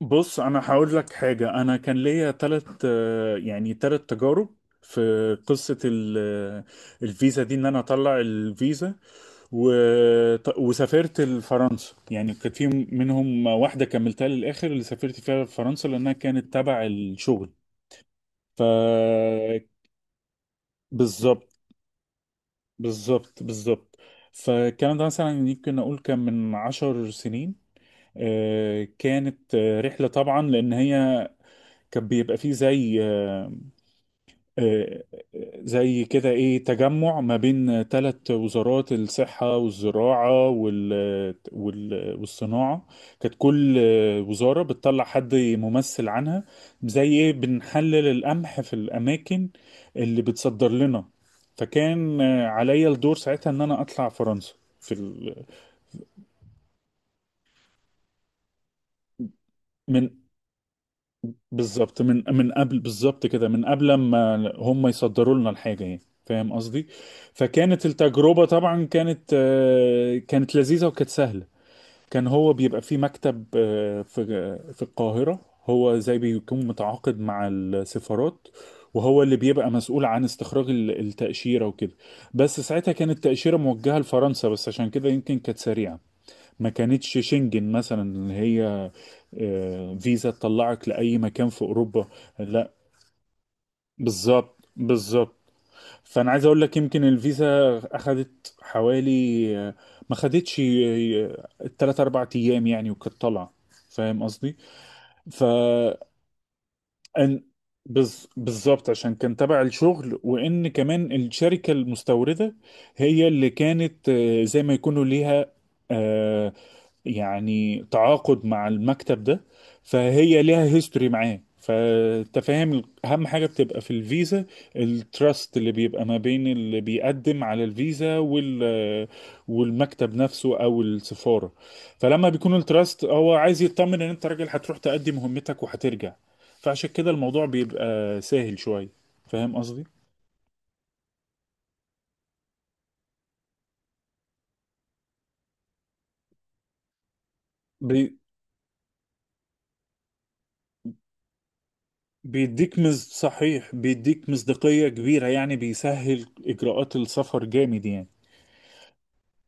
بص، انا هقول لك حاجه. انا كان ليا ثلاث تجارب في قصه الفيزا دي، ان انا اطلع الفيزا و... وسافرت لفرنسا. يعني كانت في منهم واحده كملتها للاخر اللي سافرت فيها فرنسا لانها كانت تبع الشغل. ف بالظبط، بالظبط، بالظبط. فالكلام ده مثلا يمكن اقول كان من 10 سنين. كانت رحله طبعا، لان هي كان بيبقى فيه زي آه، زي كده ايه، تجمع ما بين 3 وزارات: الصحة والزراعة والصناعة. كانت كل وزارة بتطلع حد ممثل عنها، زي ايه بنحلل القمح في الأماكن اللي بتصدر لنا. فكان عليا الدور ساعتها ان انا اطلع فرنسا في ال... من بالظبط، من قبل، بالظبط كده، من قبل ما هم يصدروا لنا الحاجة، يعني فاهم قصدي. فكانت التجربة طبعا، كانت كانت لذيذة وكانت سهلة. كان هو بيبقى في مكتب في القاهرة. هو زي بيكون متعاقد مع السفارات، وهو اللي بيبقى مسؤول عن استخراج التأشيرة وكده. بس ساعتها كانت التأشيرة موجهة لفرنسا بس، عشان كده يمكن كانت سريعة. ما كانتش شنجن مثلا، اللي هي فيزا تطلعك لأي مكان في أوروبا. لا، بالظبط، بالظبط. فأنا عايز أقول لك، يمكن الفيزا أخدت حوالي ما خدتش، 3 4 أيام يعني، وكانت طالعة. فاهم قصدي؟ أن بالظبط، عشان كان تبع الشغل، وان كمان الشركه المستورده هي اللي كانت زي ما يكونوا ليها آه، يعني تعاقد مع المكتب ده. فهي ليها هيستوري معاه. فانت فاهم، اهم حاجه بتبقى في الفيزا التراست اللي بيبقى ما بين اللي بيقدم على الفيزا والمكتب نفسه او السفاره. فلما بيكون التراست، هو عايز يطمن ان انت راجل هتروح تأدي مهمتك وهترجع. فعشان كده الموضوع بيبقى سهل شوية، فاهم قصدي. بي بيديك مز صحيح، بيديك مصداقية كبيرة، يعني بيسهل إجراءات السفر جامد يعني.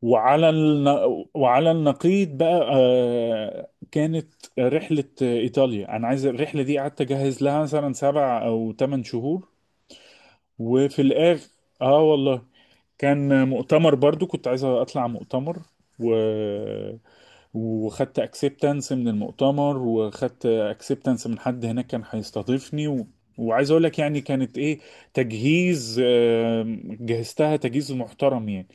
وعلى الن... وعلى النقيض بقى، آه، كانت رحلة إيطاليا. أنا عايز الرحلة دي قعدت أجهز لها مثلا 7 أو 8 شهور. وفي الآخر، آه والله، كان مؤتمر برضو، كنت عايز اطلع مؤتمر، و وخدت اكسبتنس من المؤتمر، وخدت اكسبتنس من حد هناك كان هيستضيفني، وعايز اقول لك، يعني كانت ايه، تجهيز، جهزتها تجهيز محترم يعني.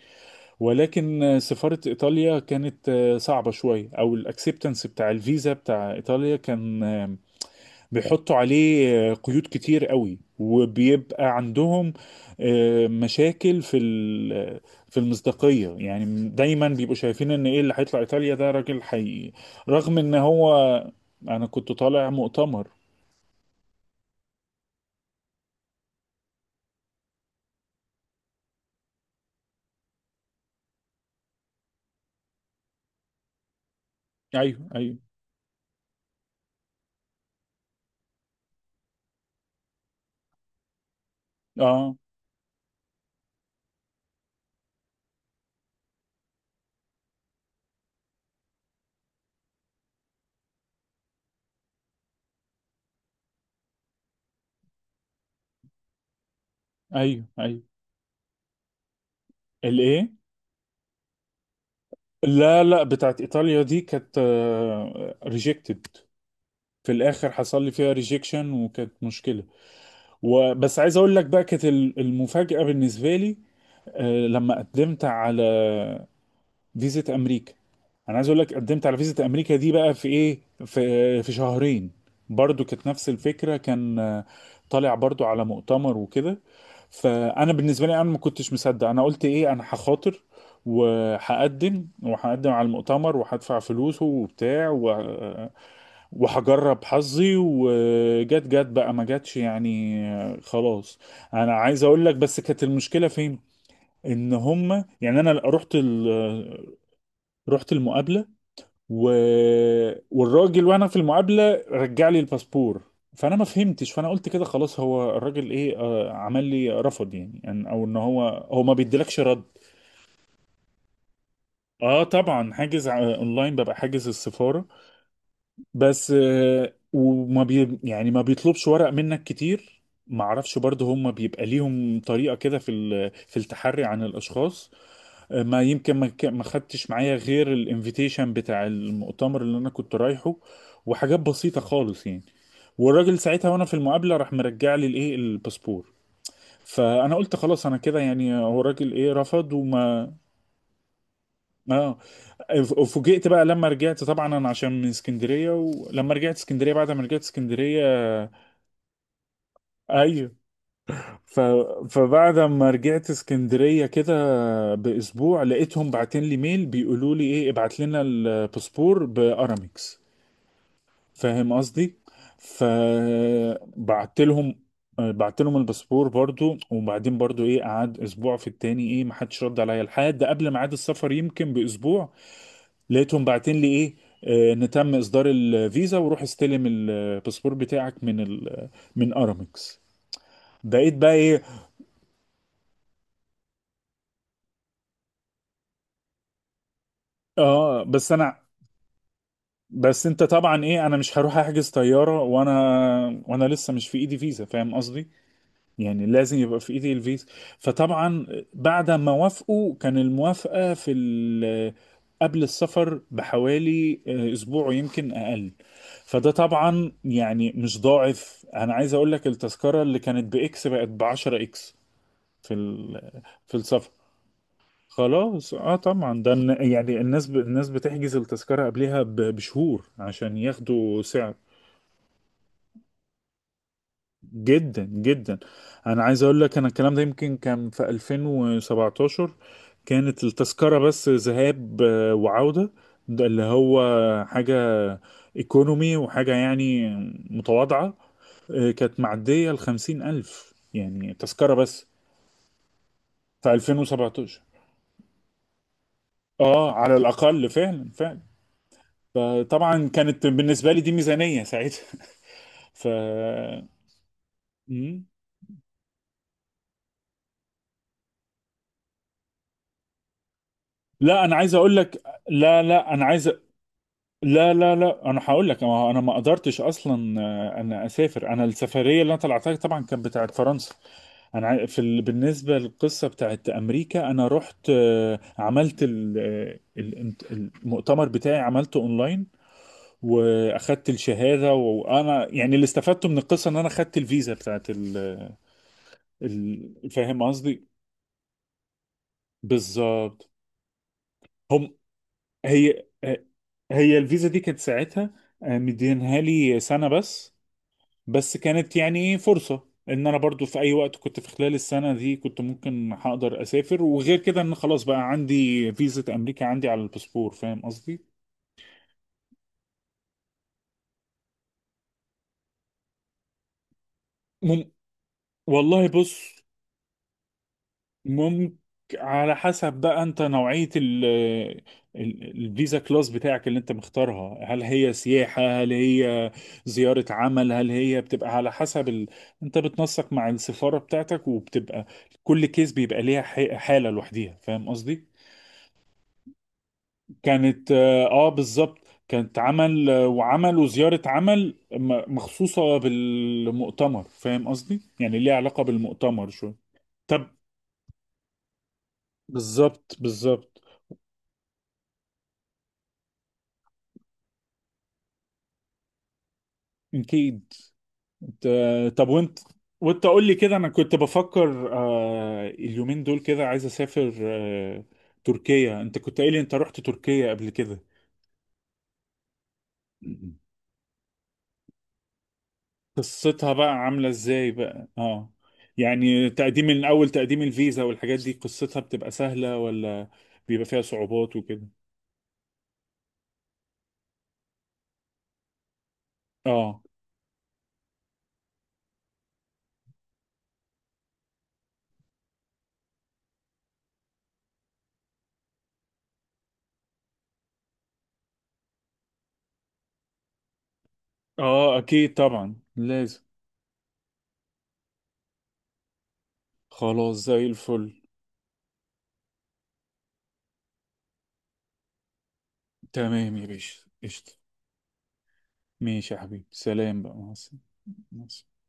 ولكن سفارة ايطاليا كانت صعبة شوية، او الاكسبتنس بتاع الفيزا بتاع ايطاليا كان بيحطوا عليه قيود كتير قوي، وبيبقى عندهم مشاكل في المصداقية. يعني دايما بيبقوا شايفين ان ايه اللي هيطلع ايطاليا ده راجل حقيقي، رغم ان هو، انا كنت طالع مؤتمر. ايوه، ايوه. اه، ايوه، ايوه. الايه لا، لا، بتاعت ايطاليا دي كانت ريجكتد، في الاخر حصل لي فيها ريجكشن وكانت مشكلة. وبس عايز اقول لك بقى، كانت المفاجأة بالنسبة لي لما قدمت على فيزا امريكا. انا عايز اقول لك، قدمت على فيزا امريكا دي بقى في ايه، في شهرين. برضو كانت نفس الفكره، كان طالع برضو على مؤتمر وكده. فانا بالنسبه لي انا ما كنتش مصدق. انا قلت ايه، انا هخاطر، وهقدم على المؤتمر، وهدفع فلوسه وبتاع، وهجرب حظي. وجت، جت بقى، ما جاتش يعني، خلاص. انا عايز اقول لك بس، كانت المشكله فين، ان هم يعني، انا رحت رحت المقابله، و... والراجل وانا في المقابله رجع لي الباسبور. فانا ما فهمتش. فانا قلت كده خلاص، هو الراجل ايه عمل لي رفض، يعني او ان هو ما بيديلكش رد. اه طبعا حاجز، اونلاين، ببقى حاجز السفاره. بس وما بي يعني ما بيطلبش ورق منك كتير. ما اعرفش برضه، هم بيبقى ليهم طريقه كده في التحري عن الاشخاص. ما يمكن ما خدتش معايا غير الانفيتيشن بتاع المؤتمر اللي انا كنت رايحه، وحاجات بسيطة خالص يعني. والراجل ساعتها وانا في المقابلة راح مرجع لي الايه الباسبور. فانا قلت خلاص، انا كده يعني، هو الراجل ايه رفض. وما... اه، فوجئت بقى لما رجعت. طبعا انا عشان من اسكندرية، ولما رجعت اسكندرية، بعد ما رجعت اسكندرية، ايوه، ف... فبعد ما رجعت اسكندرية كده بأسبوع، لقيتهم باعتين لي ميل بيقولوا لي ايه، ابعت لنا الباسبور بأرامكس. فاهم قصدي؟ فبعت لهم، بعت لهم الباسبور برضو. وبعدين برضو ايه، قعد اسبوع في التاني ايه، ما حدش رد عليا، لحد قبل ميعاد السفر يمكن باسبوع، لقيتهم باعتين لي ايه ان تم اصدار الفيزا، وروح استلم الباسبور بتاعك من من ارامكس. بقيت بقى ايه. اه بس انا، بس انت طبعا ايه، انا مش هروح احجز طياره وانا لسه مش في ايدي فيزا، فاهم قصدي. يعني لازم يبقى في ايدي الفيزا. فطبعا بعد ما وافقوا، كان الموافقه قبل السفر بحوالي اه، اسبوع ويمكن اقل. فده طبعا يعني مش ضاعف، انا عايز اقول لك التذكره اللي كانت باكس بقت ب 10 اكس في السفر. خلاص اه، طبعا ده يعني الناس الناس بتحجز التذكرة قبلها بشهور عشان ياخدوا سعر. جدا جدا. انا عايز اقول لك، انا الكلام ده يمكن كان في 2017. كانت التذكرة بس ذهاب وعودة، ده اللي هو حاجة ايكونومي وحاجة يعني متواضعة. كانت معدية الـ50 ألف، يعني تذكرة بس، في 2017. اه، على الأقل، فعلا، فعلا. فطبعا كانت بالنسبه لي دي ميزانيه ساعتها. ف مم. لا، انا عايز اقول لك، لا، لا، انا عايز، لا، لا، لا، انا هقول لك. ما هو انا ما قدرتش اصلا، انا اسافر. انا السفريه اللي انا طلعتها طبعا كانت بتاعت فرنسا. انا عاي- في ال... بالنسبه للقصه بتاعت امريكا، انا رحت عملت آه، ال- المؤتمر بتاعي عملته اونلاين، واخدت الشهاده. وانا يعني اللي استفدته من القصه ان انا خدت الفيزا بتاعت فاهم قصدي. بالظبط. هم هي هي الفيزا دي كانت ساعتها مدينها لي سنة بس. بس كانت يعني إيه فرصة، ان انا برضو في اي وقت كنت في خلال السنة دي كنت ممكن هقدر اسافر، وغير كده ان خلاص بقى عندي فيزا امريكا عندي على الباسبور، فاهم قصدي. مم... والله بص، ممكن. على حسب بقى انت، نوعية الفيزا كلاس بتاعك اللي انت مختارها، هل هي سياحة، هل هي زيارة عمل، هل هي بتبقى على حسب انت بتنسق مع السفارة بتاعتك، وبتبقى كل كيس بيبقى ليها حالة لوحديها. فاهم قصدي؟ كانت اه، بالظبط. كانت عمل، وعمل وزيارة عمل مخصوصة بالمؤتمر، فاهم قصدي؟ يعني ليها علاقة بالمؤتمر شوية. طب. بالظبط، بالظبط. اكيد. انت، طب وانت، قول لي كده. انا كنت بفكر آه اليومين دول كده، عايز اسافر آه تركيا. انت كنت قايل لي انت رحت تركيا قبل كده. مم. قصتها بقى عاملة ازاي بقى؟ اه. يعني تقديم، من اول تقديم الفيزا والحاجات دي، قصتها بتبقى سهلة، ولا بيبقى فيها صعوبات وكده؟ اه. اه اكيد طبعا لازم. خلاص، زي الفل. تمام يا باشا، قشطة. ماشي يا حبيبي، سلام بقى، مع السلامة. مع السلامة.